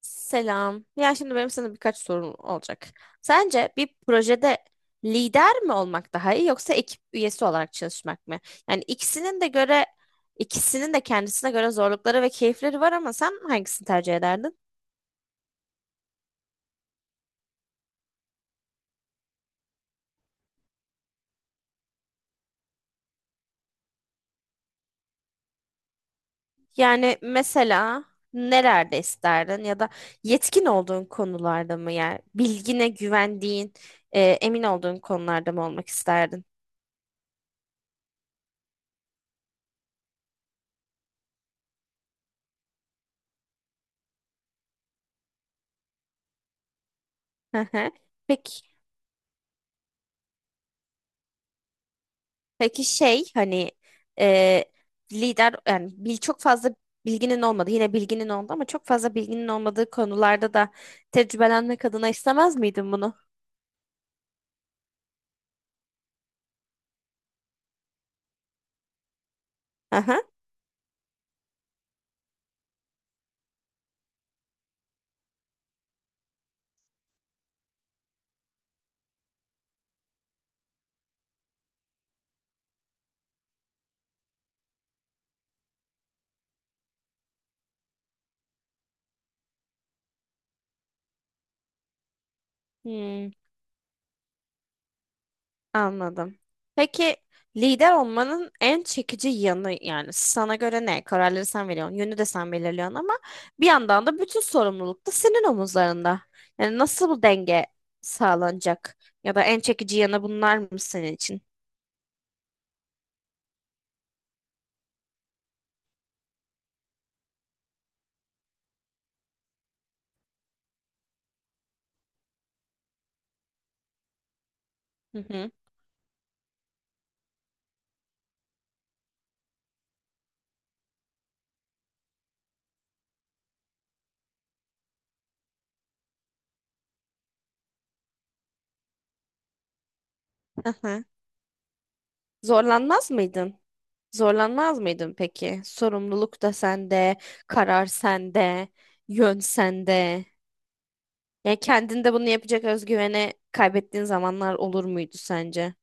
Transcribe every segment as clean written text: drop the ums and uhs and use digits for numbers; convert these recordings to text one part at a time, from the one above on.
Selam. Ya şimdi benim sana birkaç sorum olacak. Sence bir projede lider mi olmak daha iyi yoksa ekip üyesi olarak çalışmak mı? Yani ikisinin de göre ikisinin de kendisine göre zorlukları ve keyifleri var ama sen hangisini tercih ederdin? Yani mesela nelerde isterdin ya da yetkin olduğun konularda mı, yani bilgine güvendiğin, emin olduğun konularda mı olmak isterdin? Peki. Peki şey, hani, e, lider, çok fazla bilginin olmadı. Yine bilginin oldu ama çok fazla bilginin olmadığı konularda da tecrübelenmek adına istemez miydin bunu? Aha. Hmm, anladım. Peki lider olmanın en çekici yanı yani sana göre ne? Kararları sen veriyorsun, yönü de sen belirliyorsun ama bir yandan da bütün sorumluluk da senin omuzlarında. Yani nasıl bu denge sağlanacak? Ya da en çekici yanı bunlar mı senin için? Hı hı. Zorlanmaz mıydın? Zorlanmaz mıydın peki? Sorumluluk da sende, karar sende, yön sende. Yani kendinde bunu yapacak özgüveni kaybettiğin zamanlar olur muydu sence?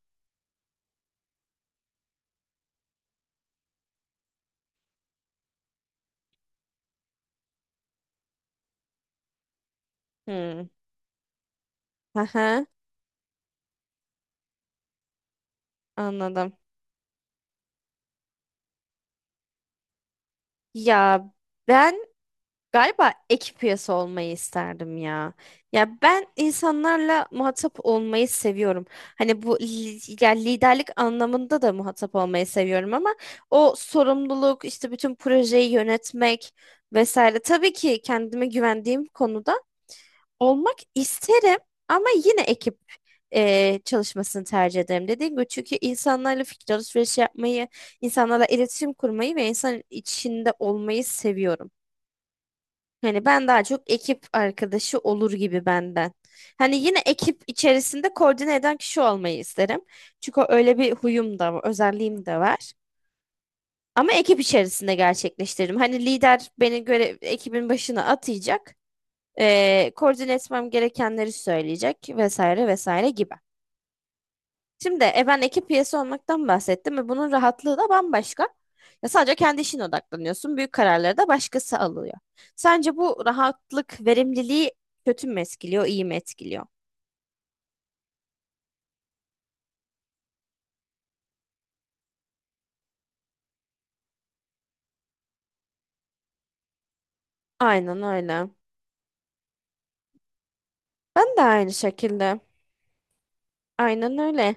Hmm. Aha, anladım. Ya ben, galiba ekip üyesi olmayı isterdim ya. Ya ben insanlarla muhatap olmayı seviyorum. Hani ya liderlik anlamında da muhatap olmayı seviyorum ama o sorumluluk işte bütün projeyi yönetmek vesaire. Tabii ki kendime güvendiğim konuda olmak isterim ama yine ekip çalışmasını tercih ederim. Dediğim gibi, çünkü insanlarla fikir alışverişi yapmayı, insanlarla iletişim kurmayı ve insan içinde olmayı seviyorum. Hani ben daha çok ekip arkadaşı olur gibi benden. Hani yine ekip içerisinde koordine eden kişi olmayı isterim. Çünkü öyle bir huyum da var, özelliğim de var. Ama ekip içerisinde gerçekleştiririm. Hani lider beni göre ekibin başına atayacak, koordine etmem gerekenleri söyleyecek vesaire vesaire gibi. Şimdi ben ekip üyesi olmaktan bahsettim ve bunun rahatlığı da bambaşka. Ya sadece kendi işine odaklanıyorsun. Büyük kararları da başkası alıyor. Sence bu rahatlık, verimliliği kötü mü etkiliyor, iyi mi etkiliyor? Aynen öyle. Ben de aynı şekilde. Aynen öyle.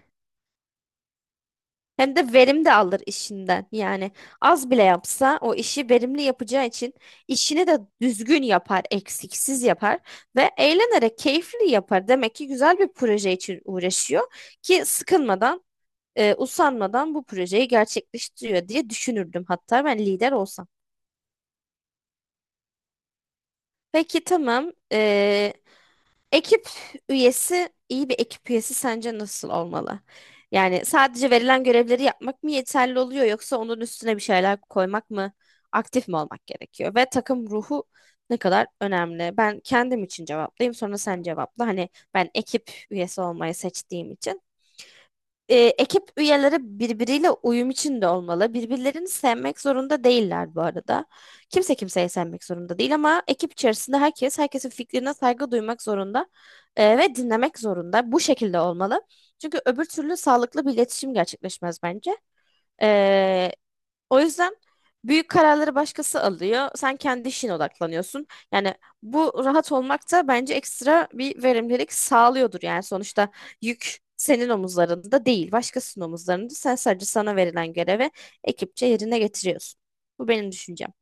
Hem de verim de alır işinden. Yani az bile yapsa o işi verimli yapacağı için işini de düzgün yapar, eksiksiz yapar ve eğlenerek keyifli yapar. Demek ki güzel bir proje için uğraşıyor ki sıkılmadan, usanmadan bu projeyi gerçekleştiriyor diye düşünürdüm hatta ben lider olsam. Peki, tamam. Ekip üyesi, iyi bir ekip üyesi sence nasıl olmalı? Yani sadece verilen görevleri yapmak mı yeterli oluyor yoksa onun üstüne bir şeyler koymak mı, aktif mi olmak gerekiyor? Ve takım ruhu ne kadar önemli? Ben kendim için cevaplayayım sonra sen cevapla. Hani ben ekip üyesi olmayı seçtiğim için. Ekip üyeleri birbiriyle uyum içinde olmalı. Birbirlerini sevmek zorunda değiller bu arada. Kimse kimseyi sevmek zorunda değil ama ekip içerisinde herkes herkesin fikrine saygı duymak zorunda ve dinlemek zorunda. Bu şekilde olmalı. Çünkü öbür türlü sağlıklı bir iletişim gerçekleşmez bence. E, o yüzden büyük kararları başkası alıyor. Sen kendi işine odaklanıyorsun. Yani bu rahat olmak da bence ekstra bir verimlilik sağlıyordur. Yani sonuçta yük senin omuzlarında değil, başkasının omuzlarında. Sen sadece sana verilen görevi ekipçe yerine getiriyorsun. Bu benim düşüncem.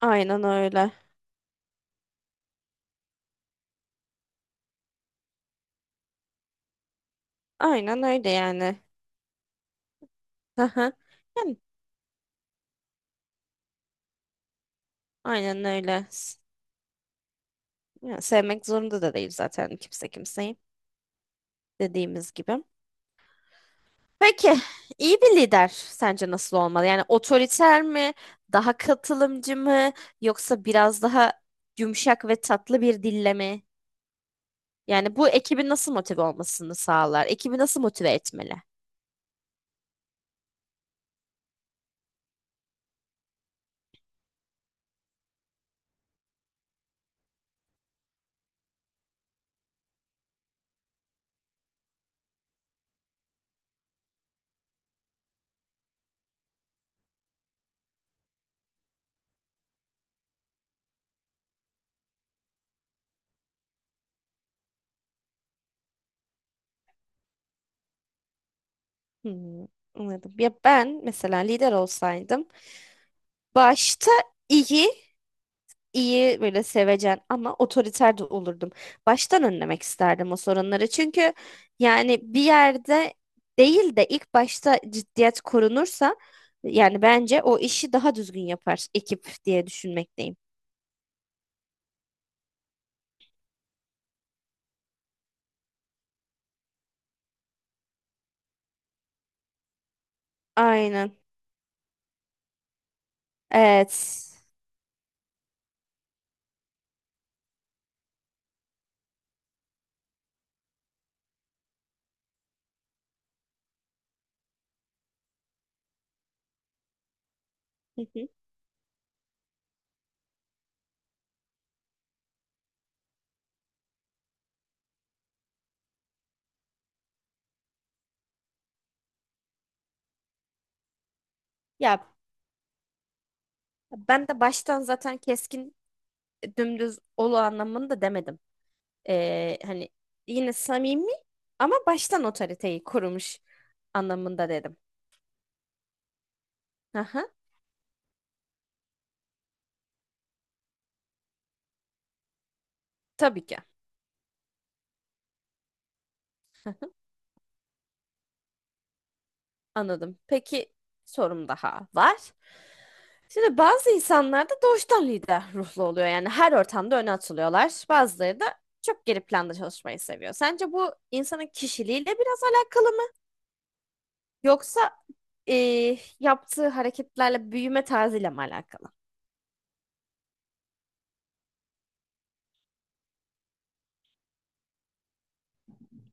Aynen öyle. Aynen öyle yani. Aha. Yani aynen öyle. Ya sevmek zorunda da değil zaten kimse kimseyi, dediğimiz gibi. Peki, iyi bir lider sence nasıl olmalı? Yani otoriter mi, daha katılımcı mı, yoksa biraz daha yumuşak ve tatlı bir dille mi? Yani bu ekibin nasıl motive olmasını sağlar? Ekibi nasıl motive etmeli? Hmm, anladım. Ya ben mesela lider olsaydım başta iyi iyi böyle sevecen ama otoriter de olurdum. Baştan önlemek isterdim o sorunları. Çünkü yani bir yerde değil de ilk başta ciddiyet korunursa yani bence o işi daha düzgün yapar ekip diye düşünmekteyim. Aynen. Evet. Hı hı. Ya ben de baştan zaten keskin, dümdüz olu anlamında demedim. Hani yine samimi ama baştan otoriteyi kurmuş anlamında dedim. Aha, tabii ki. Aha, anladım. Peki, sorum daha var. Şimdi bazı insanlar da doğuştan lider ruhlu oluyor. Yani her ortamda öne atılıyorlar. Bazıları da çok geri planda çalışmayı seviyor. Sence bu insanın kişiliğiyle biraz alakalı mı? Yoksa yaptığı hareketlerle, büyüme tarzıyla mı alakalı?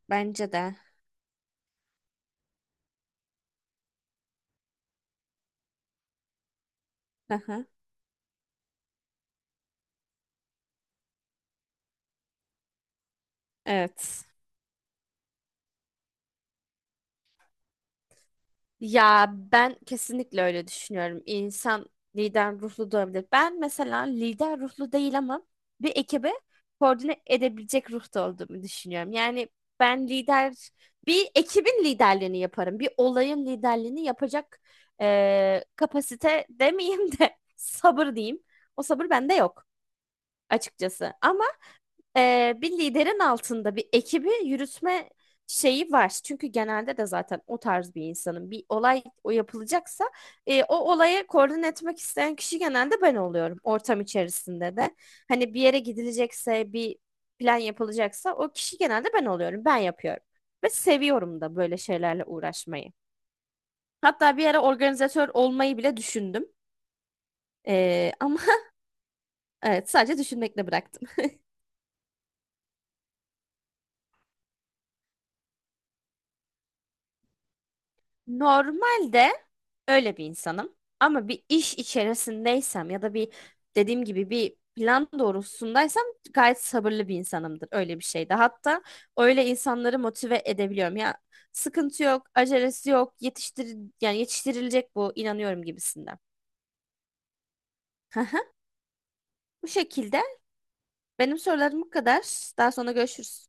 Bence de. Aha, evet. Ya ben kesinlikle öyle düşünüyorum. İnsan lider ruhlu da olabilir. Ben mesela lider ruhlu değil ama bir ekibe koordine edebilecek ruhta olduğumu düşünüyorum. Yani ben lider, bir ekibin liderliğini yaparım. Bir olayın liderliğini yapacak kapasite demeyeyim de sabır diyeyim. O sabır bende yok açıkçası. Ama bir liderin altında bir ekibi yürütme şeyi var. Çünkü genelde de zaten o tarz bir insanın bir olay o yapılacaksa o olayı koordine etmek isteyen kişi genelde ben oluyorum ortam içerisinde de. Hani bir yere gidilecekse, bir plan yapılacaksa o kişi genelde ben oluyorum. Ben yapıyorum. Ve seviyorum da böyle şeylerle uğraşmayı. Hatta bir ara organizatör olmayı bile düşündüm. Ama evet, sadece düşünmekle bıraktım. Normalde öyle bir insanım. Ama bir iş içerisindeysem ya da bir, dediğim gibi, bir plan doğrultusundaysam gayet sabırlı bir insanımdır. Öyle bir şeyde. Hatta öyle insanları motive edebiliyorum. Ya sıkıntı yok, acelesi yok, yetiştir, yani yetiştirilecek bu, inanıyorum gibisinden. Bu şekilde benim sorularım bu kadar. Daha sonra görüşürüz.